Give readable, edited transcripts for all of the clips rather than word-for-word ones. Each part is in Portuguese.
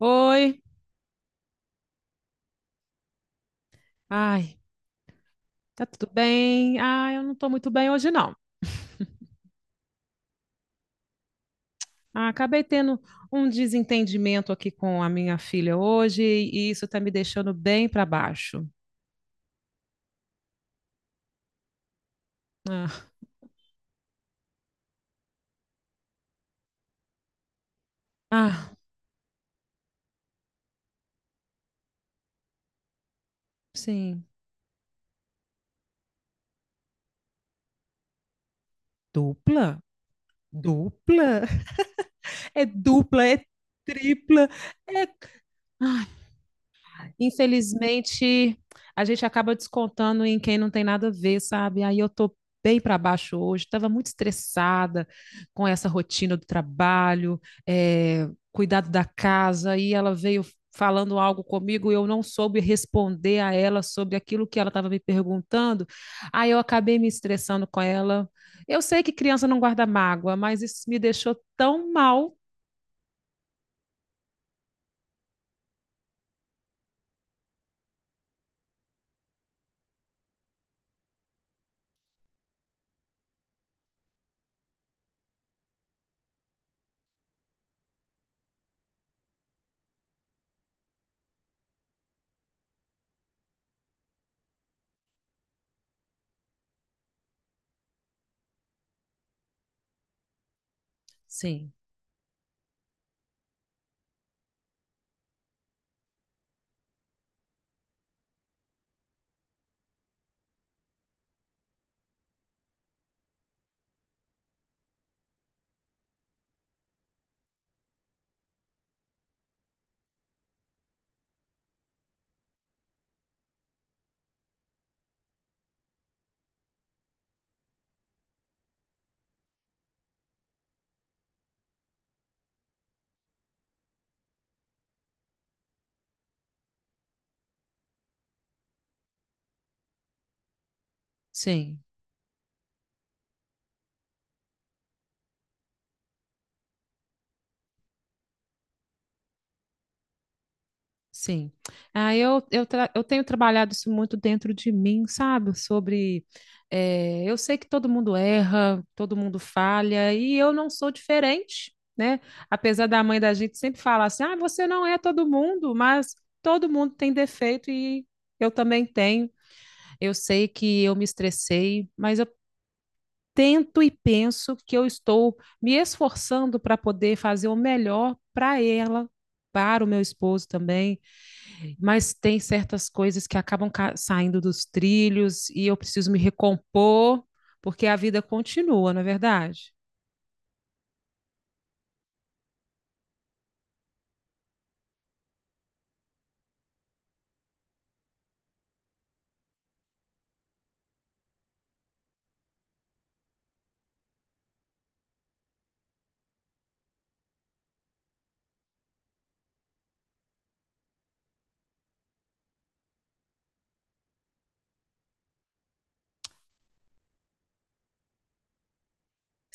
Oi, ai, tá tudo bem? Ah, eu não tô muito bem hoje, não. Ah, acabei tendo um desentendimento aqui com a minha filha hoje e isso tá me deixando bem para baixo. Ah, ah, sim. Dupla? Dupla? É dupla, é tripla, é... Ai, infelizmente, a gente acaba descontando em quem não tem nada a ver, sabe? Aí eu tô bem para baixo hoje, estava muito estressada com essa rotina do trabalho, eh, cuidado da casa, e ela veio falando algo comigo e eu não soube responder a ela sobre aquilo que ela estava me perguntando, aí eu acabei me estressando com ela. Eu sei que criança não guarda mágoa, mas isso me deixou tão mal. Sim. Sim. Sim. Ah, eu tenho trabalhado isso muito dentro de mim, sabe? Sobre. Eu sei que todo mundo erra, todo mundo falha, e eu não sou diferente, né? Apesar da mãe da gente sempre falar assim: ah, você não é todo mundo, mas todo mundo tem defeito e eu também tenho. Eu sei que eu me estressei, mas eu tento e penso que eu estou me esforçando para poder fazer o melhor para ela, para o meu esposo também, mas tem certas coisas que acabam saindo dos trilhos e eu preciso me recompor, porque a vida continua, não é verdade?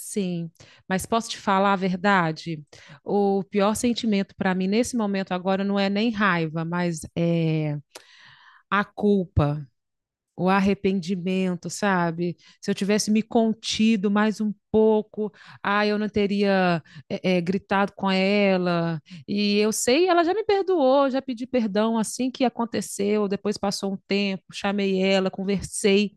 Sim, mas posso te falar a verdade? O pior sentimento para mim nesse momento agora não é nem raiva, mas é a culpa. O arrependimento, sabe? Se eu tivesse me contido mais um pouco, ah, eu não teria gritado com ela. E eu sei, ela já me perdoou, já pedi perdão assim que aconteceu. Depois passou um tempo, chamei ela, conversei.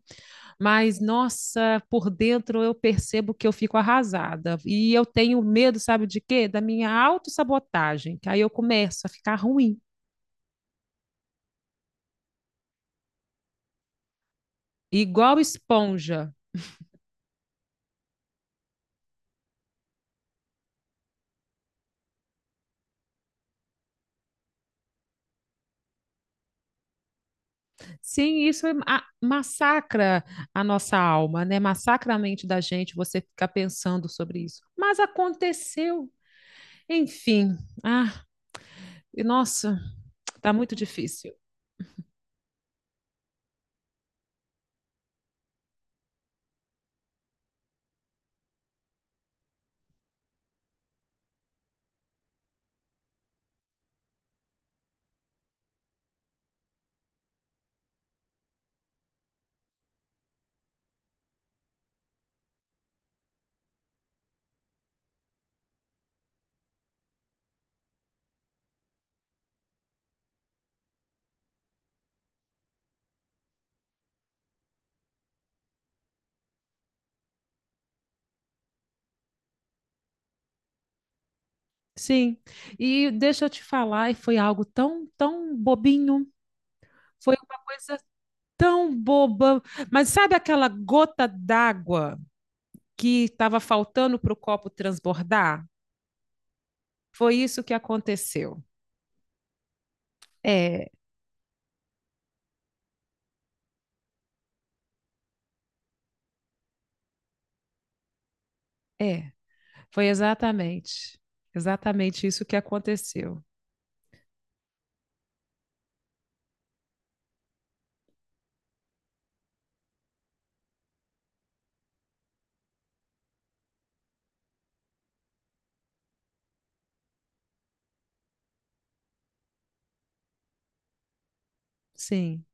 Mas, nossa, por dentro eu percebo que eu fico arrasada. E eu tenho medo, sabe de quê? Da minha autossabotagem, que aí eu começo a ficar ruim. Igual esponja. Sim, isso é massacra a nossa alma, né? Massacra a mente da gente você ficar pensando sobre isso. Mas aconteceu. Enfim, ah, e nossa, tá muito difícil. Sim. E deixa eu te falar, e foi algo tão, tão bobinho. Foi uma coisa tão boba. Mas sabe aquela gota d'água que estava faltando para o copo transbordar? Foi isso que aconteceu. É, é, foi exatamente, exatamente isso que aconteceu. Sim.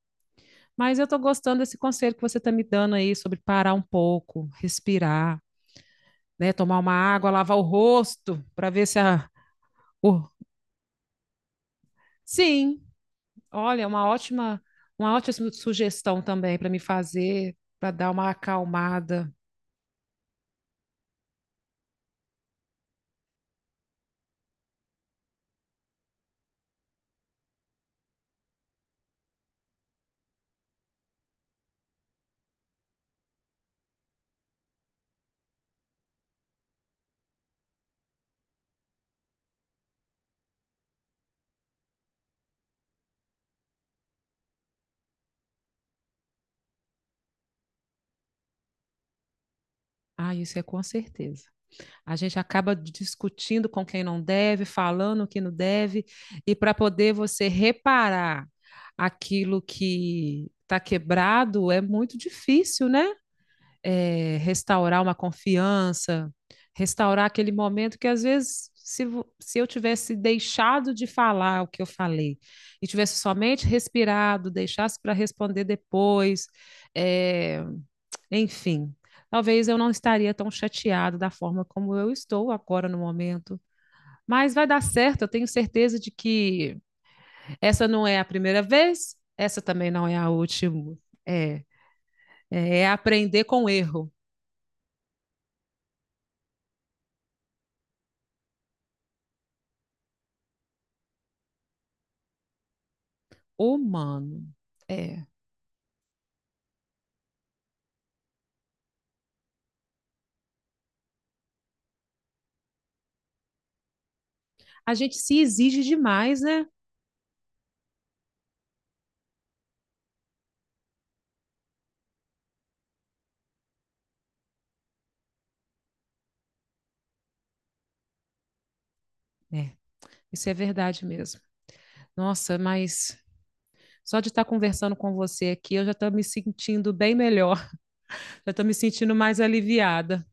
Mas eu estou gostando desse conselho que você está me dando aí sobre parar um pouco, respirar, né? Tomar uma água, lavar o rosto para ver se a. o- Sim, olha, uma ótima sugestão também para me fazer, para dar uma acalmada. Ah, isso é com certeza. A gente acaba discutindo com quem não deve, falando o que não deve, e para poder você reparar aquilo que está quebrado é muito difícil, né? É, restaurar uma confiança, restaurar aquele momento que às vezes se eu tivesse deixado de falar o que eu falei e tivesse somente respirado, deixasse para responder depois, é, enfim, talvez eu não estaria tão chateado da forma como eu estou agora no momento. Mas vai dar certo, eu tenho certeza de que essa não é a primeira vez, essa também não é a última. É, é aprender com o erro. Ô, mano, é. A gente se exige demais, né? É, isso é verdade mesmo. Nossa, mas só de estar conversando com você aqui, eu já estou me sentindo bem melhor, já estou me sentindo mais aliviada.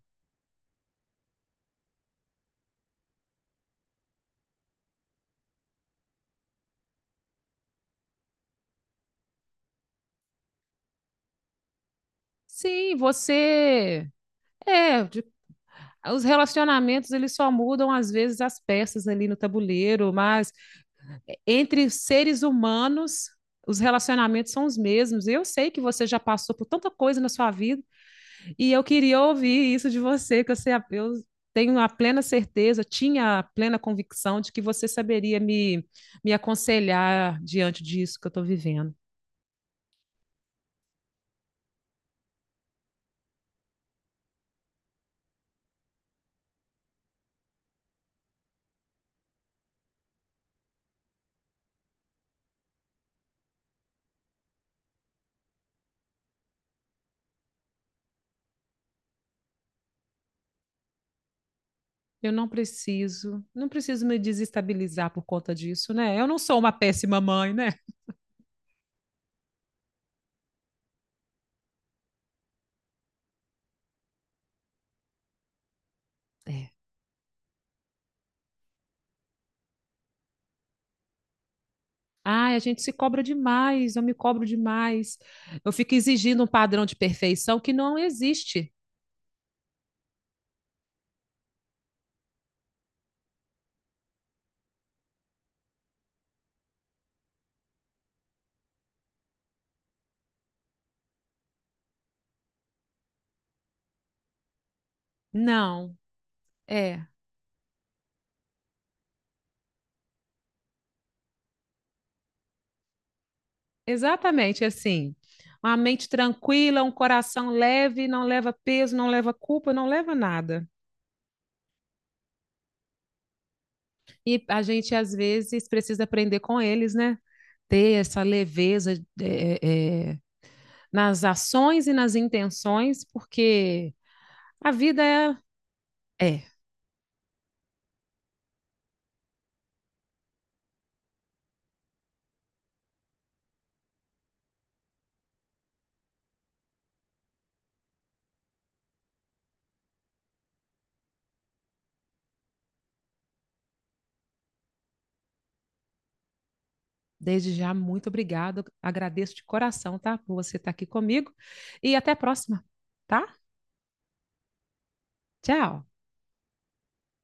Sim, você. É, os relacionamentos eles só mudam às vezes as peças ali no tabuleiro, mas entre seres humanos, os relacionamentos são os mesmos. Eu sei que você já passou por tanta coisa na sua vida. E eu queria ouvir isso de você, que eu, sei, eu tenho a plena certeza, tinha a plena convicção de que você saberia me, me aconselhar diante disso que eu estou vivendo. Eu não preciso, não preciso me desestabilizar por conta disso, né? Eu não sou uma péssima mãe, né? É. Ai, a gente se cobra demais, eu me cobro demais. Eu fico exigindo um padrão de perfeição que não existe. Não, é exatamente assim. Uma mente tranquila, um coração leve, não leva peso, não leva culpa, não leva nada. E a gente, às vezes, precisa aprender com eles, né? Ter essa leveza, é, é, é, nas ações e nas intenções, porque. A vida é. É. Desde já, muito obrigado. Agradeço de coração, tá? Por você estar aqui comigo. E até a próxima, tá? Tchau.